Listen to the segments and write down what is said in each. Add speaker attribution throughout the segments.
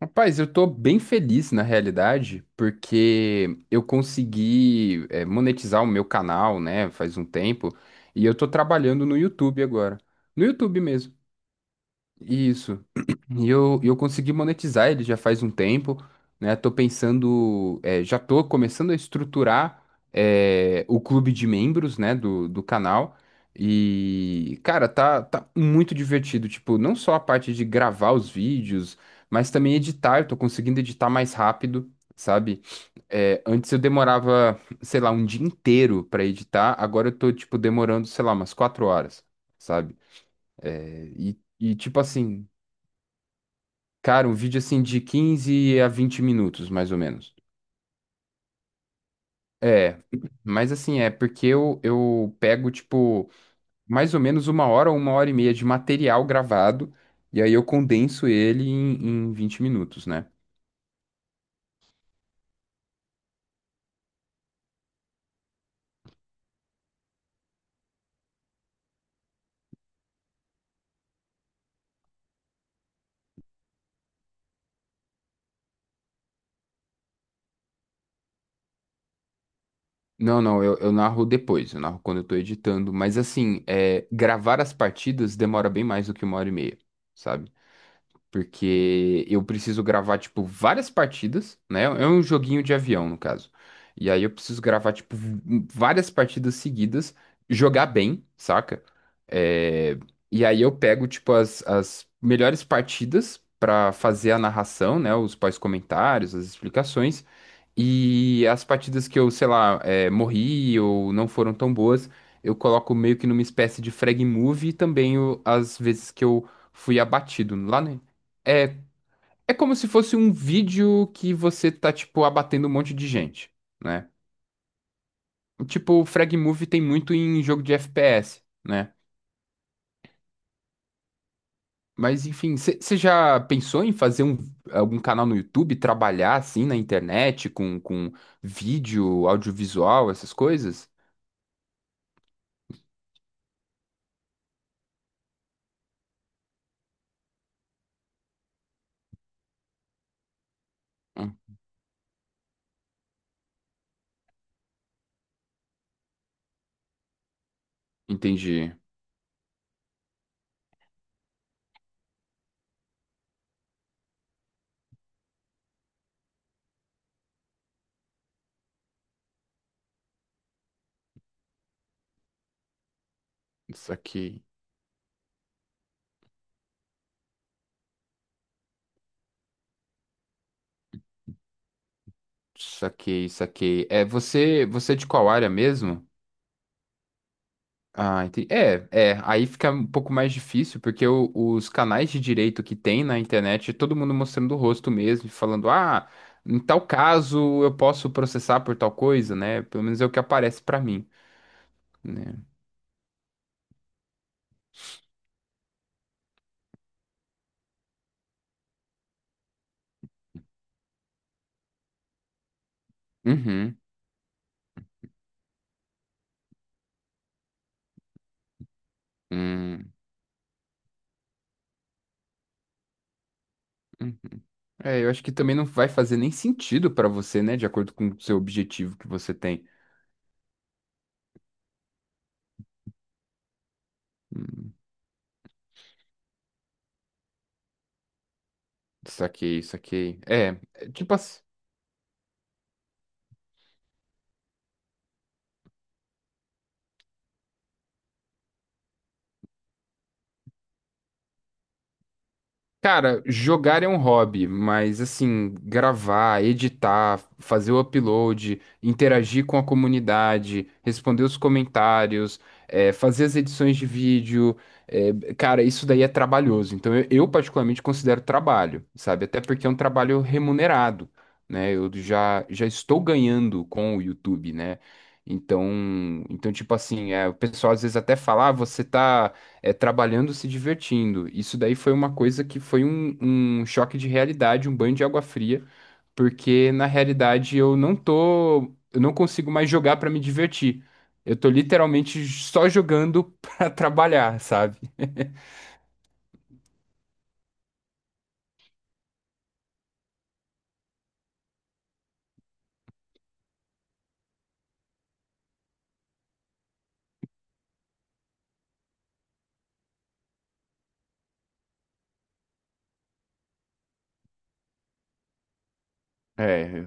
Speaker 1: Rapaz, eu tô bem feliz na realidade, porque eu consegui monetizar o meu canal, né, faz um tempo, e eu tô trabalhando no YouTube agora. No YouTube mesmo. Isso. E eu consegui monetizar ele já faz um tempo, né? Tô pensando, já tô começando a estruturar, é, o clube de membros, né, do canal. E, cara, tá muito divertido. Tipo, não só a parte de gravar os vídeos, mas também editar. Eu tô conseguindo editar mais rápido, sabe? É, antes eu demorava, sei lá, um dia inteiro pra editar. Agora eu tô, tipo, demorando, sei lá, umas quatro horas, sabe? É, tipo assim, cara, um vídeo assim de 15 a 20 minutos, mais ou menos. É, mas assim, é porque eu pego, tipo, mais ou menos uma hora ou uma hora e meia de material gravado, e aí eu condenso ele em 20 minutos, né? Não, não, eu narro depois, eu narro quando eu tô editando, mas assim, é, gravar as partidas demora bem mais do que uma hora e meia, sabe? Porque eu preciso gravar, tipo, várias partidas, né? É um joguinho de avião, no caso. E aí eu preciso gravar, tipo, várias partidas seguidas, jogar bem, saca? É, e aí eu pego, tipo, as melhores partidas pra fazer a narração, né? Os pós-comentários, as explicações. E as partidas que eu, sei lá, é, morri ou não foram tão boas, eu coloco meio que numa espécie de frag move e também as vezes que eu fui abatido lá, né? É, é como se fosse um vídeo que você tá, tipo, abatendo um monte de gente, né? Tipo, o Frag Move tem muito em jogo de FPS, né? Mas, enfim, você já pensou em fazer um, algum canal no YouTube, trabalhar, assim, na internet, com vídeo, audiovisual, essas coisas? Hum, entendi. Saquei, saquei, saquei. É, você é de qual área mesmo? Ah, entendi. É, é, aí fica um pouco mais difícil, porque os canais de direito que tem na internet, é todo mundo mostrando o rosto mesmo, e falando, ah, em tal caso eu posso processar por tal coisa, né? Pelo menos é o que aparece pra mim, né? Uhum. Hum, uhum. É, eu acho que também não vai fazer nem sentido pra você, né? De acordo com o seu objetivo que você tem. Hum, saquei, saquei. É, é tipo assim. Cara, jogar é um hobby, mas assim, gravar, editar, fazer o upload, interagir com a comunidade, responder os comentários, fazer as edições de vídeo, eh, cara, isso daí é trabalhoso. Então eu particularmente considero trabalho, sabe? Até porque é um trabalho remunerado, né? Eu já estou ganhando com o YouTube, né? Então, então tipo assim, o pessoal às vezes até fala, ah, você tá é, trabalhando, se divertindo. Isso daí foi uma coisa que foi um, um choque de realidade, um banho de água fria, porque na realidade eu não tô, eu não consigo mais jogar para me divertir. Eu tô literalmente só jogando para trabalhar, sabe? É,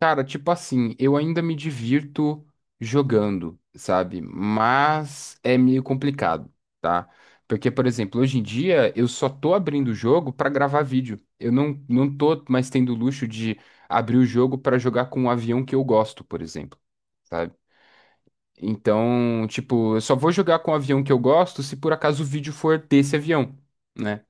Speaker 1: cara, tipo assim, eu ainda me divirto jogando, sabe? Mas é meio complicado, tá? Porque, por exemplo, hoje em dia eu só tô abrindo o jogo pra gravar vídeo. Eu não tô mais tendo o luxo de abrir o jogo pra jogar com um avião que eu gosto, por exemplo, sabe? Então, tipo, eu só vou jogar com o avião que eu gosto se por acaso o vídeo for desse avião, né?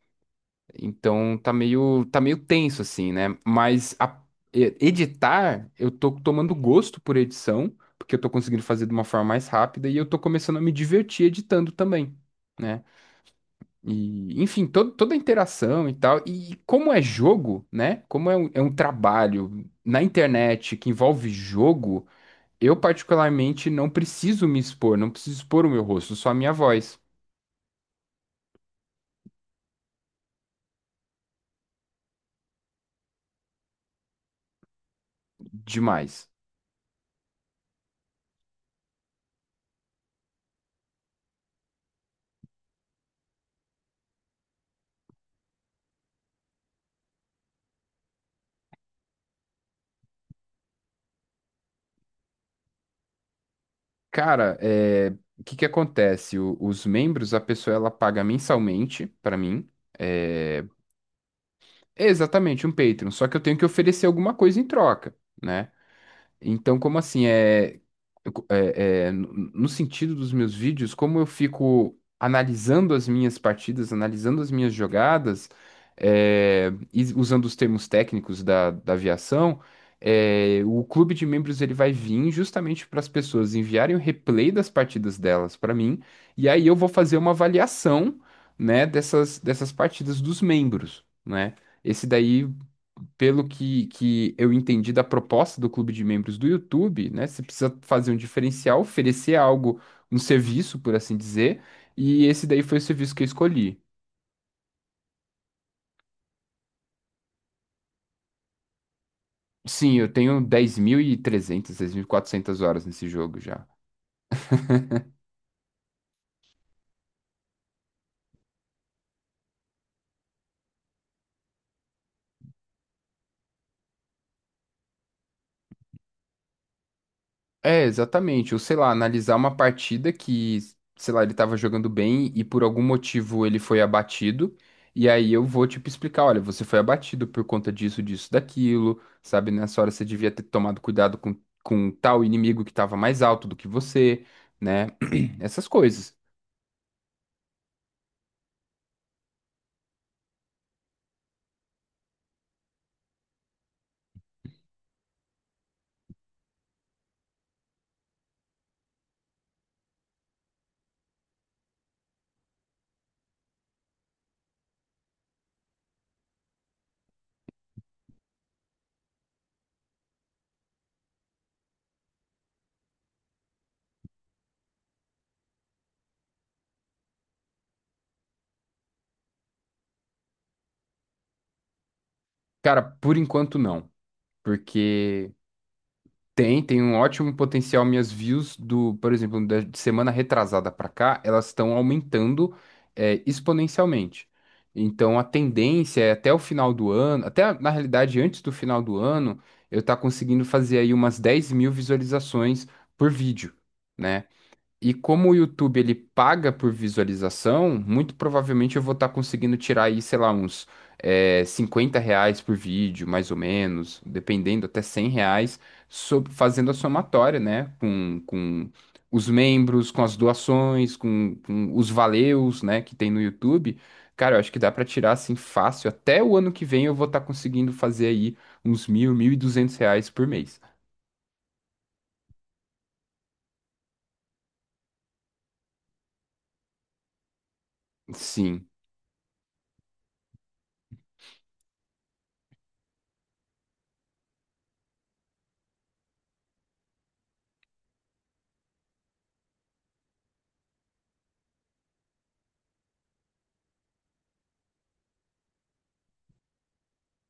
Speaker 1: Então tá meio tenso assim, né? Editar, eu tô tomando gosto por edição, porque eu tô conseguindo fazer de uma forma mais rápida e eu tô começando a me divertir editando também, né? E, enfim, toda a interação e tal. E como é jogo, né? Como é um trabalho na internet que envolve jogo, eu particularmente não preciso me expor, não preciso expor o meu rosto, só a minha voz. Demais. Cara, é, o que que acontece? Os membros, a pessoa ela paga mensalmente pra mim. É, é exatamente um Patreon, só que eu tenho que oferecer alguma coisa em troca, né? Então, como assim? É, é, no sentido dos meus vídeos, como eu fico analisando as minhas partidas, analisando as minhas jogadas, é, e usando os termos técnicos da aviação, é, o clube de membros ele vai vir justamente para as pessoas enviarem o replay das partidas delas para mim, e aí eu vou fazer uma avaliação, né, dessas partidas dos membros, né? Esse daí pelo que eu entendi da proposta do clube de membros do YouTube, né? Você precisa fazer um diferencial, oferecer algo, um serviço, por assim dizer, e esse daí foi o serviço que eu escolhi. Sim, eu tenho dez mil e trezentas, dez mil e quatrocentas horas nesse jogo já. É, exatamente. Ou sei lá, analisar uma partida que, sei lá, ele tava jogando bem e por algum motivo ele foi abatido. E aí eu vou, tipo, explicar: olha, você foi abatido por conta disso, disso, daquilo, sabe? Nessa hora você devia ter tomado cuidado com tal inimigo que tava mais alto do que você, né? Essas coisas. Cara, por enquanto não. Porque. Tem, tem um ótimo potencial. Minhas views do, por exemplo, da semana retrasada pra cá, elas estão aumentando, é, exponencialmente. Então a tendência é até o final do ano, até na realidade antes do final do ano, eu tá conseguindo fazer aí umas 10 mil visualizações por vídeo, né? E como o YouTube ele paga por visualização, muito provavelmente eu vou estar conseguindo tirar aí, sei lá, uns R$ 50 por vídeo, mais ou menos, dependendo, até R$ 100, fazendo a somatória, né? Com os membros, com as doações, com os valeus, né, que tem no YouTube. Cara, eu acho que dá para tirar assim fácil. Até o ano que vem eu vou estar conseguindo fazer aí uns R$ 1.000, R$ 1.200 por mês. Sim.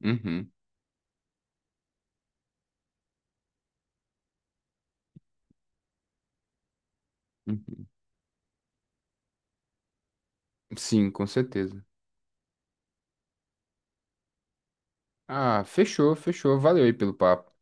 Speaker 1: Uhum. Uhum. Sim, com certeza. Ah, fechou, fechou. Valeu aí pelo papo.